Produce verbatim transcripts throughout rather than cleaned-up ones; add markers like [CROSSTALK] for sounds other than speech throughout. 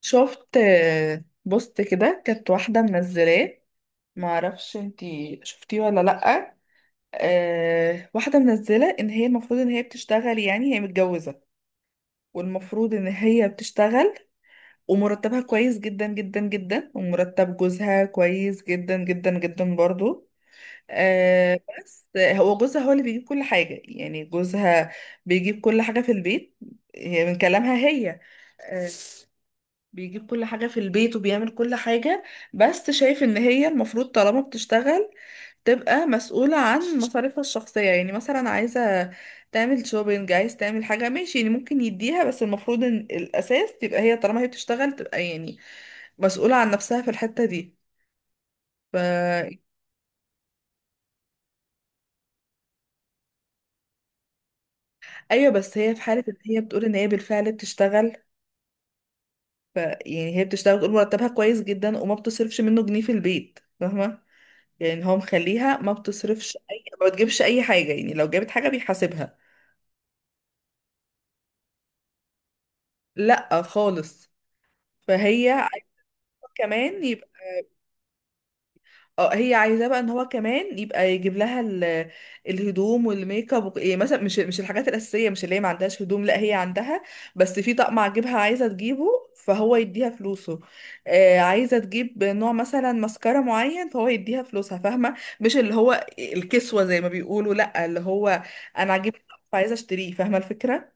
شفت آه، بوست كده كانت واحدة منزلاه. معرفش انتي شفتيه ولا لأ. أه واحدة منزلة ان هي المفروض ان هي بتشتغل، يعني هي متجوزة والمفروض ان هي بتشتغل، ومرتبها كويس جدا جدا جدا، ومرتب جوزها كويس جدا جدا جدا برضو. أه بس هو جوزها هو اللي بيجيب كل حاجة، يعني جوزها بيجيب كل حاجة في البيت، هي من كلامها هي. آه، بيجيب كل حاجة في البيت وبيعمل كل حاجة. بس شايف ان هي المفروض طالما بتشتغل تبقى مسؤولة عن مصاريفها الشخصية. يعني مثلا عايزة تعمل شوبينج، عايز تعمل حاجة، ماشي، يعني ممكن يديها، بس المفروض ان الأساس تبقى هي، طالما هي بتشتغل تبقى يعني مسؤولة عن نفسها في الحتة دي. ف... ايوه بس هي في حالة ان هي بتقول ان هي بالفعل بتشتغل. ف... يعني هي بتشتغل، بتقول مرتبها كويس جدا وما بتصرفش منه جنيه في البيت. فاهمة؟ يعني هو مخليها ما بتصرفش اي، ما بتجيبش اي حاجه، يعني لو جابت حاجه بيحاسبها. لا خالص. فهي عايزه كمان يبقى، اه هي عايزاه بقى ان هو كمان يبقى يجيب لها ال... الهدوم والميك اب وك- يعني مثلا مش مش الحاجات الاساسيه، مش اللي هي ما عندهاش هدوم، لا هي عندها، بس في طقم عاجبها عايزه تجيبه فهو يديها فلوسه. آه عايزه تجيب نوع مثلا ماسكارا معين فهو يديها فلوسها. فاهمه؟ مش اللي هو الكسوه زي ما بيقولوا، لا اللي هو انا عاجبني فعايزه اشتريه. فاهمه الفكره؟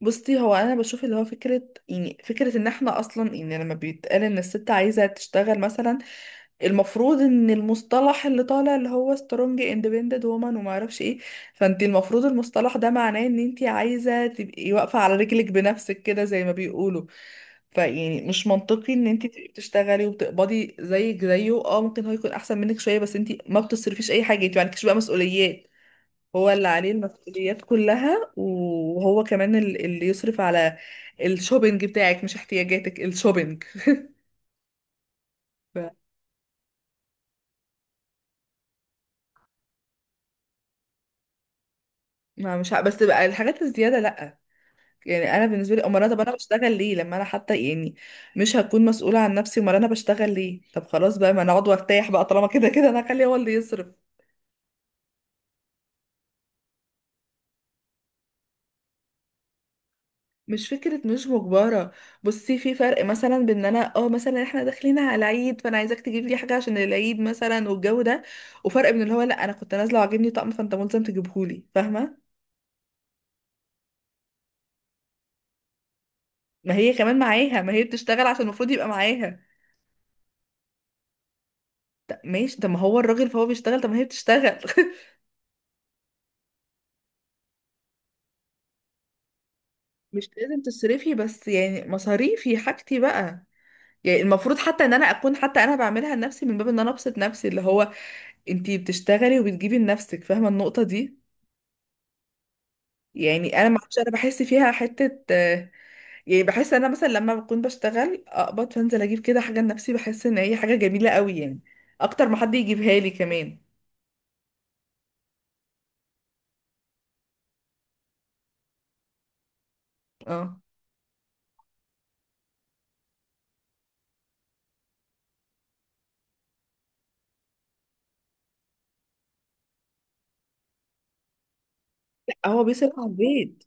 بصي، هو انا بشوف اللي هو فكره، يعني فكره ان احنا اصلا، يعني لما بيتقال ان الست عايزه تشتغل مثلا، المفروض ان المصطلح اللي طالع اللي هو سترونج اندبندنت وومن وما اعرفش ايه، فانت المفروض المصطلح ده معناه ان انت عايزه تبقي واقفه على رجلك بنفسك كده زي ما بيقولوا. فيعني مش منطقي ان انت تبقي بتشتغلي وبتقبضي زيك زيه، اه ممكن هو يكون احسن منك شويه، بس انت ما بتصرفيش اي حاجه، انت ما عندكيش بقى مسؤوليات، هو اللي عليه المسؤوليات كلها وهو كمان ال- اللي يصرف على الشوبينج بتاعك، مش احتياجاتك، الشوبينج. ف- ما مش ع- بس بقى الحاجات الزيادة لأ. يعني انا بالنسبه لي، امال انا، طب انا بشتغل ليه لما انا حتى، يعني مش هكون مسؤوله عن نفسي؟ امال انا بشتغل ليه؟ طب خلاص بقى ما انا اقعد وارتاح بقى، طالما كده كده انا هخليه هو اللي يصرف. مش فكرة مش مجبرة. بصي في فرق مثلا بين ان انا اه مثلا احنا داخلين على العيد فانا عايزاك تجيب لي حاجة عشان العيد مثلا والجو ده، وفرق من اللي هو لا انا كنت نازلة وعاجبني طقم فانت ملزم تجيبهولي. فاهمة؟ ما هي كمان معاها، ما هي بتشتغل، عشان المفروض يبقى معاها. طب ماشي، طب ما هو الراجل فهو بيشتغل، طب ما هي بتشتغل. [LAUGHS] مش لازم تصرفي، بس يعني مصاريفي حاجتي بقى. يعني المفروض حتى ان انا اكون، حتى انا بعملها لنفسي من باب ان انا ابسط نفسي، اللي هو انتي بتشتغلي وبتجيبي لنفسك. فاهمة النقطة دي؟ يعني انا ما اعرفش، انا بحس فيها حته، آه، يعني بحس انا مثلا لما بكون بشتغل اقبض فانزل اجيب كده حاجه لنفسي، بحس ان هي حاجه جميله قوي، يعني اكتر ما حد يجيبها لي كمان. اه، لا هو بيصرف على البيت.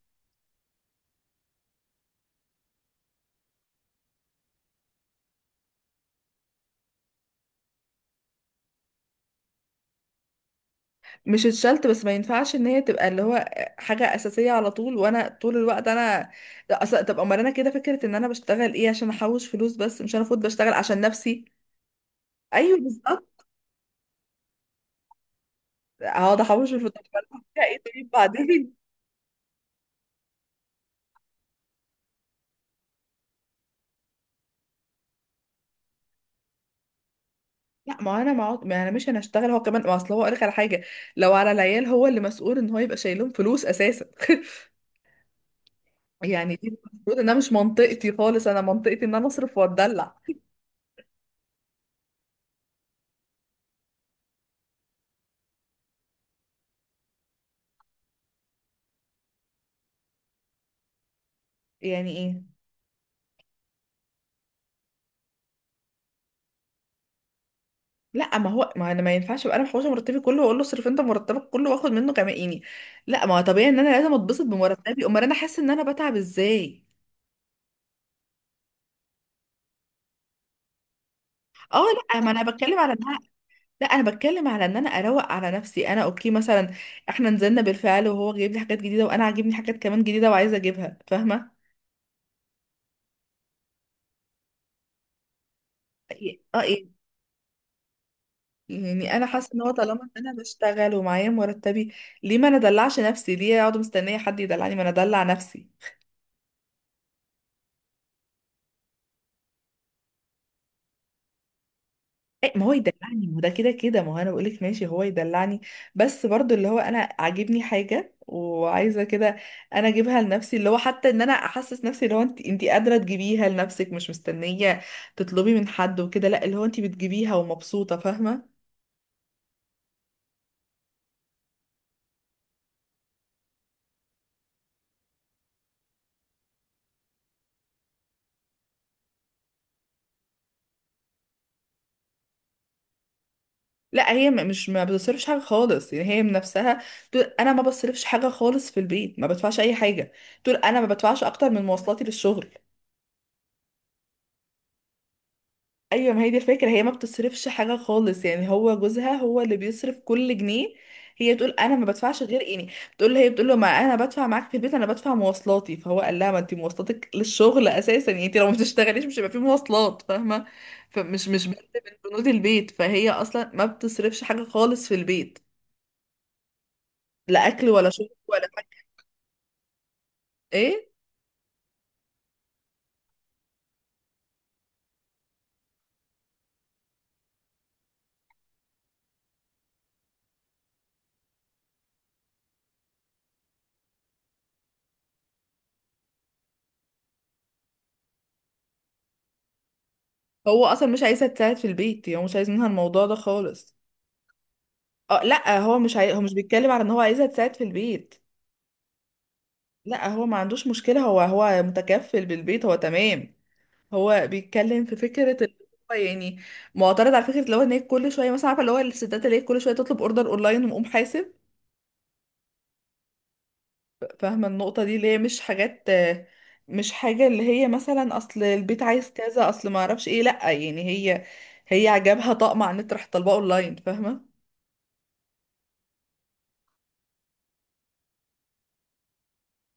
مش اتشلت، بس ما ينفعش ان هي تبقى اللي هو حاجه اساسيه على طول، وانا طول الوقت انا، لا، أصل طب امال انا كده فكره ان انا بشتغل ايه؟ عشان احوش فلوس؟ بس مش انا المفروض بشتغل عشان نفسي؟ ايوه بالظبط. هقعد احوش في الفطار. ايه طيب بعدين. لا ما انا ما, ما انا مش هنشتغل هو كمان، ما اصل هو اقول لك على حاجه، لو على العيال هو اللي مسؤول ان هو يبقى شايلهم فلوس اساسا. [LAUGHS] يعني دي المفروض انها مش منطقتي خالص، انا منطقتي ان انا اصرف واتدلع. يعني ايه؟ لا ما هو ما انا ما ينفعش ابقى انا محوشه مرتبي كله واقول له اصرف انت مرتبك كله واخد منه كمان، يعني لا ما هو طبيعي ان انا لازم اتبسط بمرتبي، امال انا حاسه ان انا بتعب ازاي؟ اه، لا ما انا بتكلم على إن، لا انا بتكلم على ان انا اروق على نفسي. انا اوكي مثلا، احنا نزلنا بالفعل وهو جايب لي حاجات جديده، وانا عاجبني حاجات كمان جديده وعايزه اجيبها. فاهمه؟ ي- اه ايه. يعني انا حاسه ان هو طالما إن انا بشتغل ومعايا مرتبي، ليه ما انا ادلعش نفسي؟ ليه اقعد مستنيه حد يدلعني؟ ما انا ادلع نفسي. إيه، ما هو يدلعني، ما هو ده كده كده، ما هو انا بقولك ماشي هو يدلعني، بس برضو اللي هو انا عاجبني حاجة وعايزة كده، انا اجيبها لنفسي، اللي هو حتى ان انا احسس نفسي اللي هو انت انت قادرة تجيبيها لنفسك، مش مستنية تطلبي من حد وكده. لا اللي هو انت بتجيبيها ومبسوطة. فاهمة؟ لا هي م- مش ما بتصرفش حاجة خالص، يعني هي من نفسها تقول انا ما بصرفش حاجة خالص في البيت، ما بدفعش اي حاجة. تقول انا ما بدفعش اكتر من مواصلاتي للشغل. ايوه ما هي دي الفكره، هي ما بتصرفش حاجه خالص، يعني هو جوزها هو اللي بيصرف كل جنيه. هي تقول انا ما بدفعش غير يعني، بتقول، هي بتقول له ما انا بدفع معاك في البيت، انا بدفع مواصلاتي، فهو قال لها ما انت مواصلاتك للشغل اساسا، يعني انت لو ما بتشتغليش مش هيبقى في مواصلات. فاهمه؟ فمش مش بند من بنود البيت، فهي اصلا ما بتصرفش حاجه خالص في البيت، لا اكل ولا شرب ولا حاجه. ايه هو اصلا مش عايزها تساعد في البيت، يعني هو مش عايز منها الموضوع ده خالص. اه لا هو مش عاي... هو مش بيتكلم على ان هو عايزها تساعد في البيت، لا هو ما عندوش مشكلة، هو هو متكفل بالبيت، هو تمام. هو بيتكلم في فكرة اللي هو يعني معترض على فكرة اللي هو ان هي كل شوية، مثلا عارفة اللي هو الستات اللي هي كل شوية تطلب اوردر اونلاين ومقوم حاسب. فاهمة النقطة دي؟ اللي هي مش حاجات مش حاجة اللي هي مثلا اصل البيت عايز كذا، اصل ما اعرفش ايه، لا يعني هي، هي عجبها طقم على النت راح طالباه اونلاين. فاهمة؟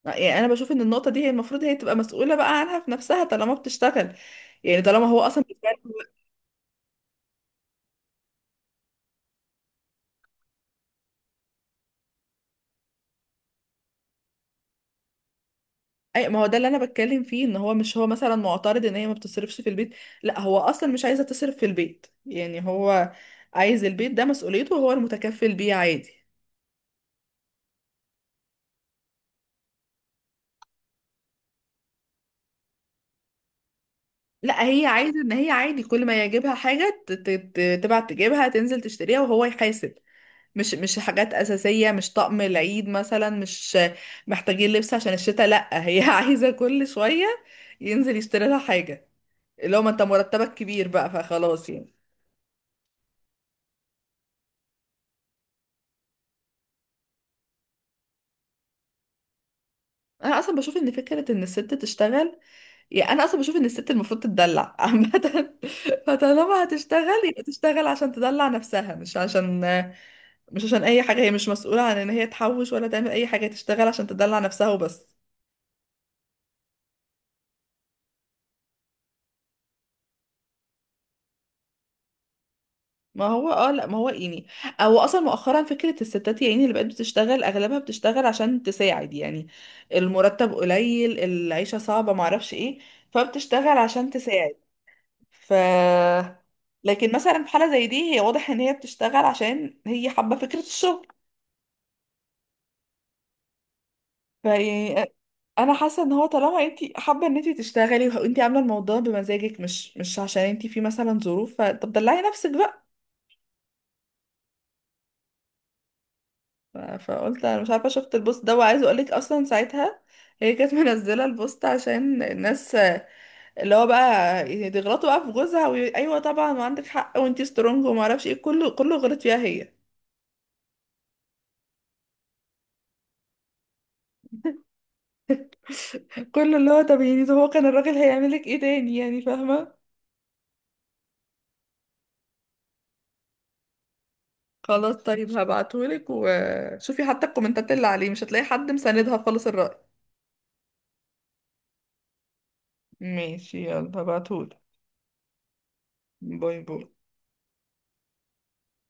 يعني انا بشوف ان النقطة دي هي المفروض هي تبقى مسؤولة بقى عنها في نفسها طالما بتشتغل، يعني طالما هو اصلا بيتكلم. اي ما هو ده اللي انا بتكلم فيه، ان هو مش هو مثلا معترض ان هي ما بتصرفش في البيت، لا هو اصلا مش عايزه تصرف في البيت، يعني هو عايز البيت ده مسؤوليته وهو المتكفل بيه عادي. لا هي عايزه ان هي عادي كل ما يجيبها حاجه ت- ت- ت- تبعت تجيبها، تنزل تشتريها وهو يحاسب. مش مش حاجات اساسيه، مش طقم العيد مثلا، مش محتاجين لبس عشان الشتاء، لا هي [LAUGHS] عايزه كل شويه ينزل يشتري لها حاجه، اللي هو ما انت مرتبك كبير بقى فخلاص يعني. انا اصلا بشوف ان فكره ان الست تشتغل، يعني انا اصلا بشوف ان الست المفروض تتدلع [LAUGHS] عامه، فطالما هتشتغل يبقى تشتغل عشان تدلع نفسها، مش عشان مش عشان اي حاجه، هي مش مسؤوله عن ان هي تحوش ولا تعمل اي حاجه، هي تشتغل عشان تدلع نفسها وبس. ما هو اه لا ما هو يعني او اصلا مؤخرا فكره الستات، يعني اللي بقت بتشتغل اغلبها بتشتغل عشان تساعد، يعني المرتب قليل، العيشه صعبه، معرفش ايه، فبتشتغل عشان تساعد. ف، لكن مثلا في حالة زي دي هي واضح ان هي بتشتغل عشان هي حابة فكرة الشغل، فيعني انا حاسة ان هو طالما انت حابة ان انت تشتغلي وانت عاملة الموضوع بمزاجك، مش مش عشان انت في مثلا ظروف، فطب دلعي نفسك بقى. ف- فقلت انا مش عارفة شفت البوست ده وعايزة اقولك، اصلا ساعتها هي كانت [LAUGHS] منزلة البوست عشان الناس اللي هو بقى يغلطوا بقى في جوزها وي- ايوه طبعا وعندك حق وانت سترونج وما اعرفش ايه، كله كله غلط فيها هي. [LAUGHS] كله اللي هو، طب يعني هو كان الراجل هيعملك ايه تاني؟ يعني فاهمة؟ خلاص طيب هبعتهولك، وشوفي حتى الكومنتات اللي عليه مش هتلاقي حد مساندها خالص الرأي. ماشي يلا هبعتهولك. باي باي.